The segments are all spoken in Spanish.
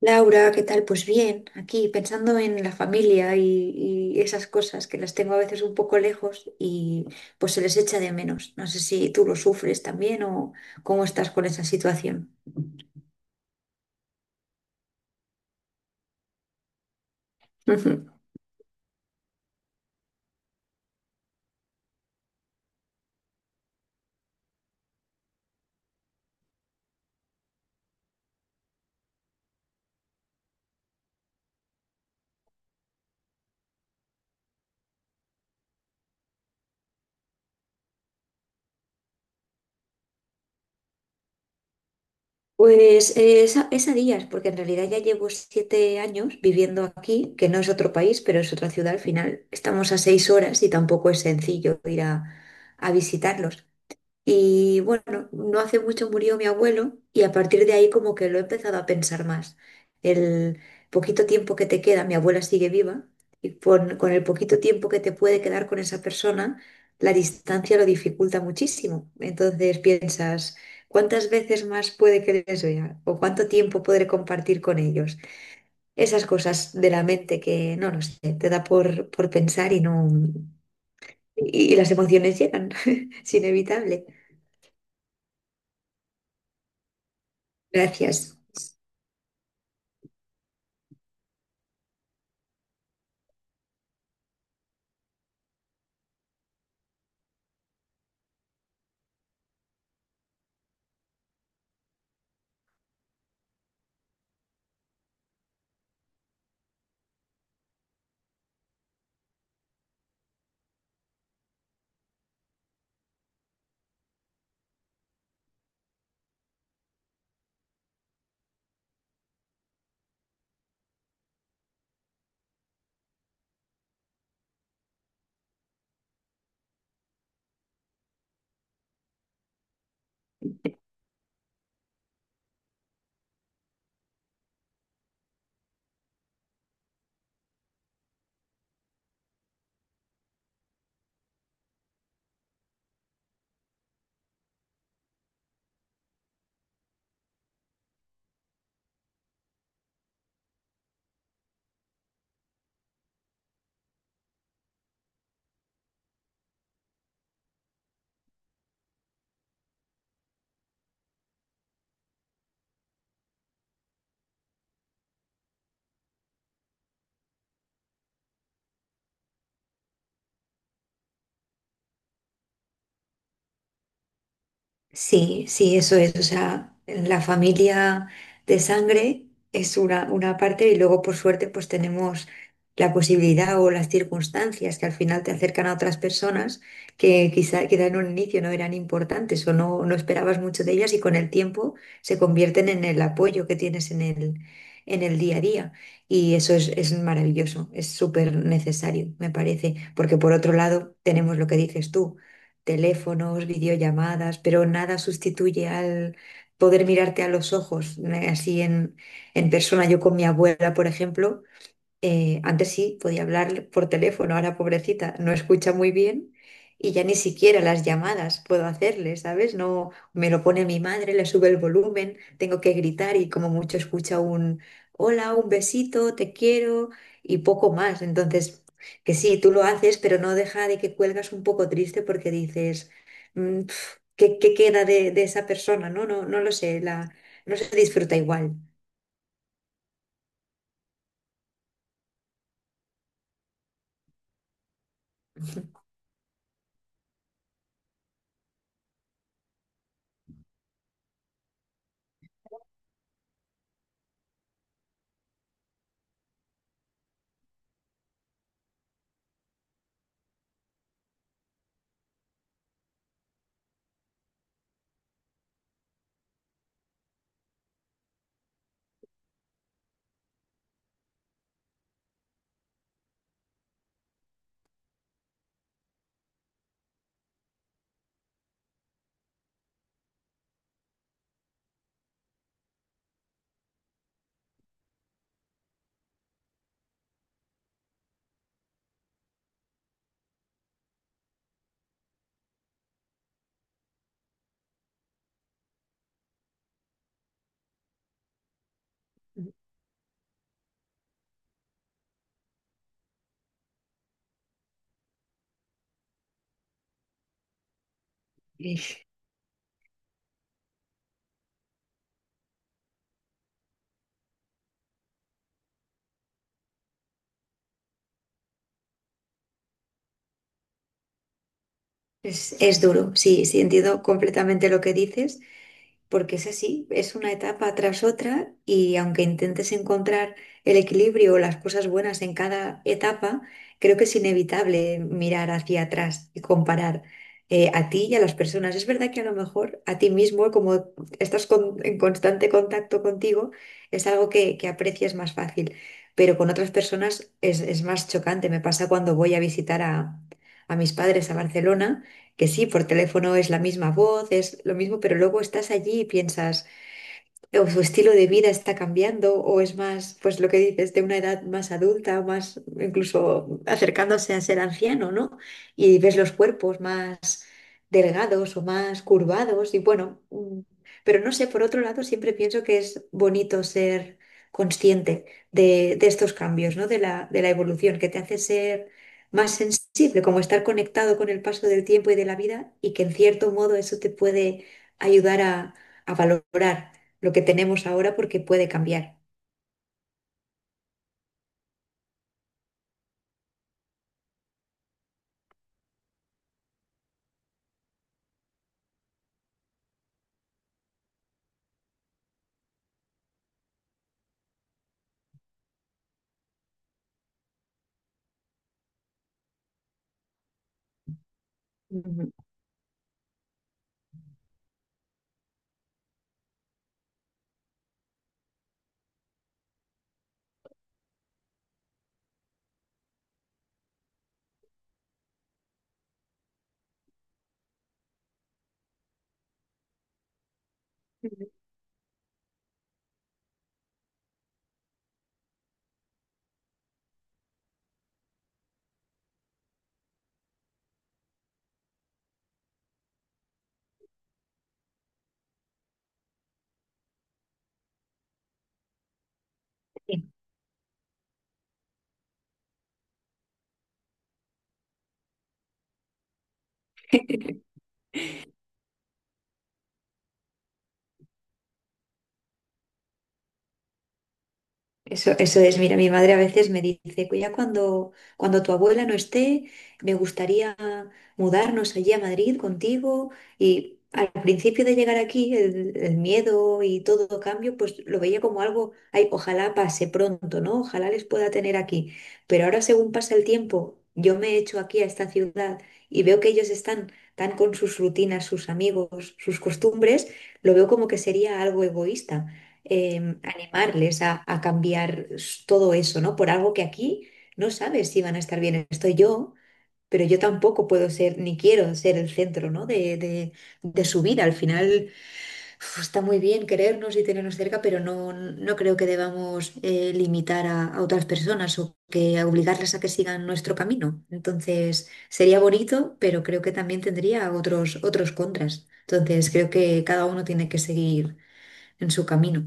Laura, ¿qué tal? Pues bien, aquí pensando en la familia y esas cosas que las tengo a veces un poco lejos y pues se les echa de menos. No sé si tú lo sufres también o cómo estás con esa situación. Pues es a días, porque en realidad ya llevo 7 años viviendo aquí, que no es otro país, pero es otra ciudad al final. Estamos a 6 horas y tampoco es sencillo a visitarlos. Y bueno, no hace mucho murió mi abuelo y a partir de ahí como que lo he empezado a pensar más. El poquito tiempo que te queda, mi abuela sigue viva, y con el poquito tiempo que te puede quedar con esa persona, la distancia lo dificulta muchísimo. Entonces piensas, ¿cuántas veces más puede que les vea? ¿O cuánto tiempo podré compartir con ellos? Esas cosas de la mente que, no lo sé, te da por pensar y no... Y las emociones llegan, es inevitable. Gracias. Sí, sí, eso es. O sea, la familia de sangre es una parte y luego por suerte pues tenemos la posibilidad o las circunstancias que al final te acercan a otras personas que quizá en un inicio no eran importantes o no, no esperabas mucho de ellas y con el tiempo se convierten en el apoyo que tienes en el día a día. Y eso es maravilloso, es súper necesario, me parece, porque por otro lado tenemos lo que dices tú teléfonos, videollamadas, pero nada sustituye al poder mirarte a los ojos, así en persona. Yo con mi abuela, por ejemplo, antes sí podía hablar por teléfono, ahora pobrecita no escucha muy bien y ya ni siquiera las llamadas puedo hacerle, ¿sabes? No me lo pone mi madre, le sube el volumen, tengo que gritar y como mucho escucha un hola, un besito, te quiero y poco más. Entonces, que sí, tú lo haces, pero no deja de que cuelgas un poco triste porque dices, "Mm, pf, qué queda de esa persona? No, no, no lo sé, la, no se disfruta igual." Es duro, sí, sí, entiendo completamente lo que dices, porque es así, es una etapa tras otra y aunque intentes encontrar el equilibrio o las cosas buenas en cada etapa, creo que es inevitable mirar hacia atrás y comparar a ti y a las personas. Es verdad que a lo mejor a ti mismo, como estás en constante contacto contigo, es algo que aprecias más fácil, pero con otras personas es más chocante. Me pasa cuando voy a visitar a mis padres a Barcelona que sí, por teléfono es la misma voz, es lo mismo, pero luego estás allí y piensas o su estilo de vida está cambiando o es más, pues lo que dices, de una edad más adulta o más incluso acercándose a ser anciano, ¿no? Y ves los cuerpos más delgados o más curvados y bueno, pero no sé, por otro lado siempre pienso que es bonito ser consciente de estos cambios, ¿no? De de la evolución que te hace ser más sensible, como estar conectado con el paso del tiempo y de la vida y que en cierto modo eso te puede ayudar a valorar lo que tenemos ahora porque puede cambiar. Ujú. Ujú. Eso es, mira, mi madre a veces me dice, ya cuando tu abuela no esté, me gustaría mudarnos allí a Madrid contigo. Y al principio de llegar aquí, el miedo y todo cambio, pues lo veía como algo, ay, ojalá pase pronto, ¿no? Ojalá les pueda tener aquí. Pero ahora, según pasa el tiempo, yo me echo aquí a esta ciudad y veo que ellos están tan con sus rutinas, sus amigos, sus costumbres, lo veo como que sería algo egoísta animarles a cambiar todo eso, ¿no? Por algo que aquí no sabes si van a estar bien. Estoy yo, pero yo tampoco puedo ser, ni quiero ser el centro, ¿no? De su vida. Al final, uf, está muy bien querernos y tenernos cerca, pero no, no creo que debamos limitar a otras personas o que a obligarles a que sigan nuestro camino. Entonces, sería bonito, pero creo que también tendría otros, otros contras. Entonces, creo que cada uno tiene que seguir en su camino.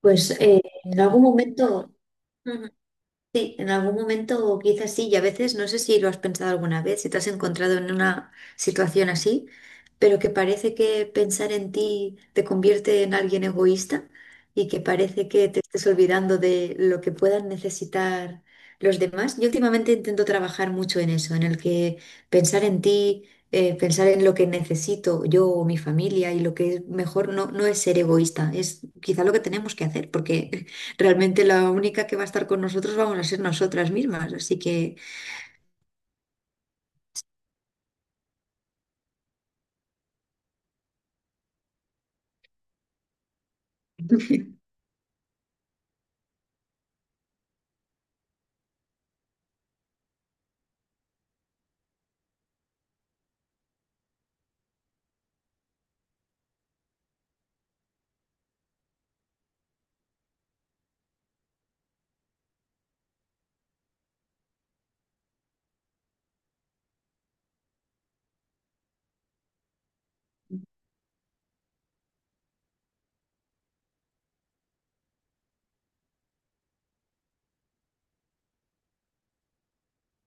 Pues en algún momento, ujú, sí, en algún momento quizás sí, y a veces no sé si lo has pensado alguna vez, si te has encontrado en una situación así, pero que parece que pensar en ti te convierte en alguien egoísta y que parece que te estés olvidando de lo que puedan necesitar los demás. Yo últimamente intento trabajar mucho en eso, en el que pensar en ti, pensar en lo que necesito yo o mi familia y lo que es mejor no, no es ser egoísta, es quizá lo que tenemos que hacer, porque realmente la única que va a estar con nosotros vamos a ser nosotras mismas, así que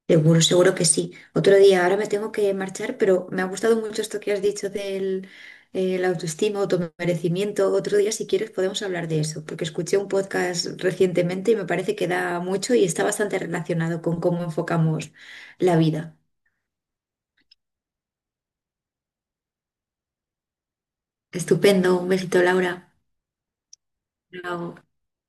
seguro, seguro que sí. Otro día, ahora me tengo que marchar, pero me ha gustado mucho esto que has dicho del la autoestima, automerecimiento. Otro día, si quieres, podemos hablar de eso, porque escuché un podcast recientemente y me parece que da mucho y está bastante relacionado con cómo enfocamos la vida. Estupendo, un besito, Laura. Chao.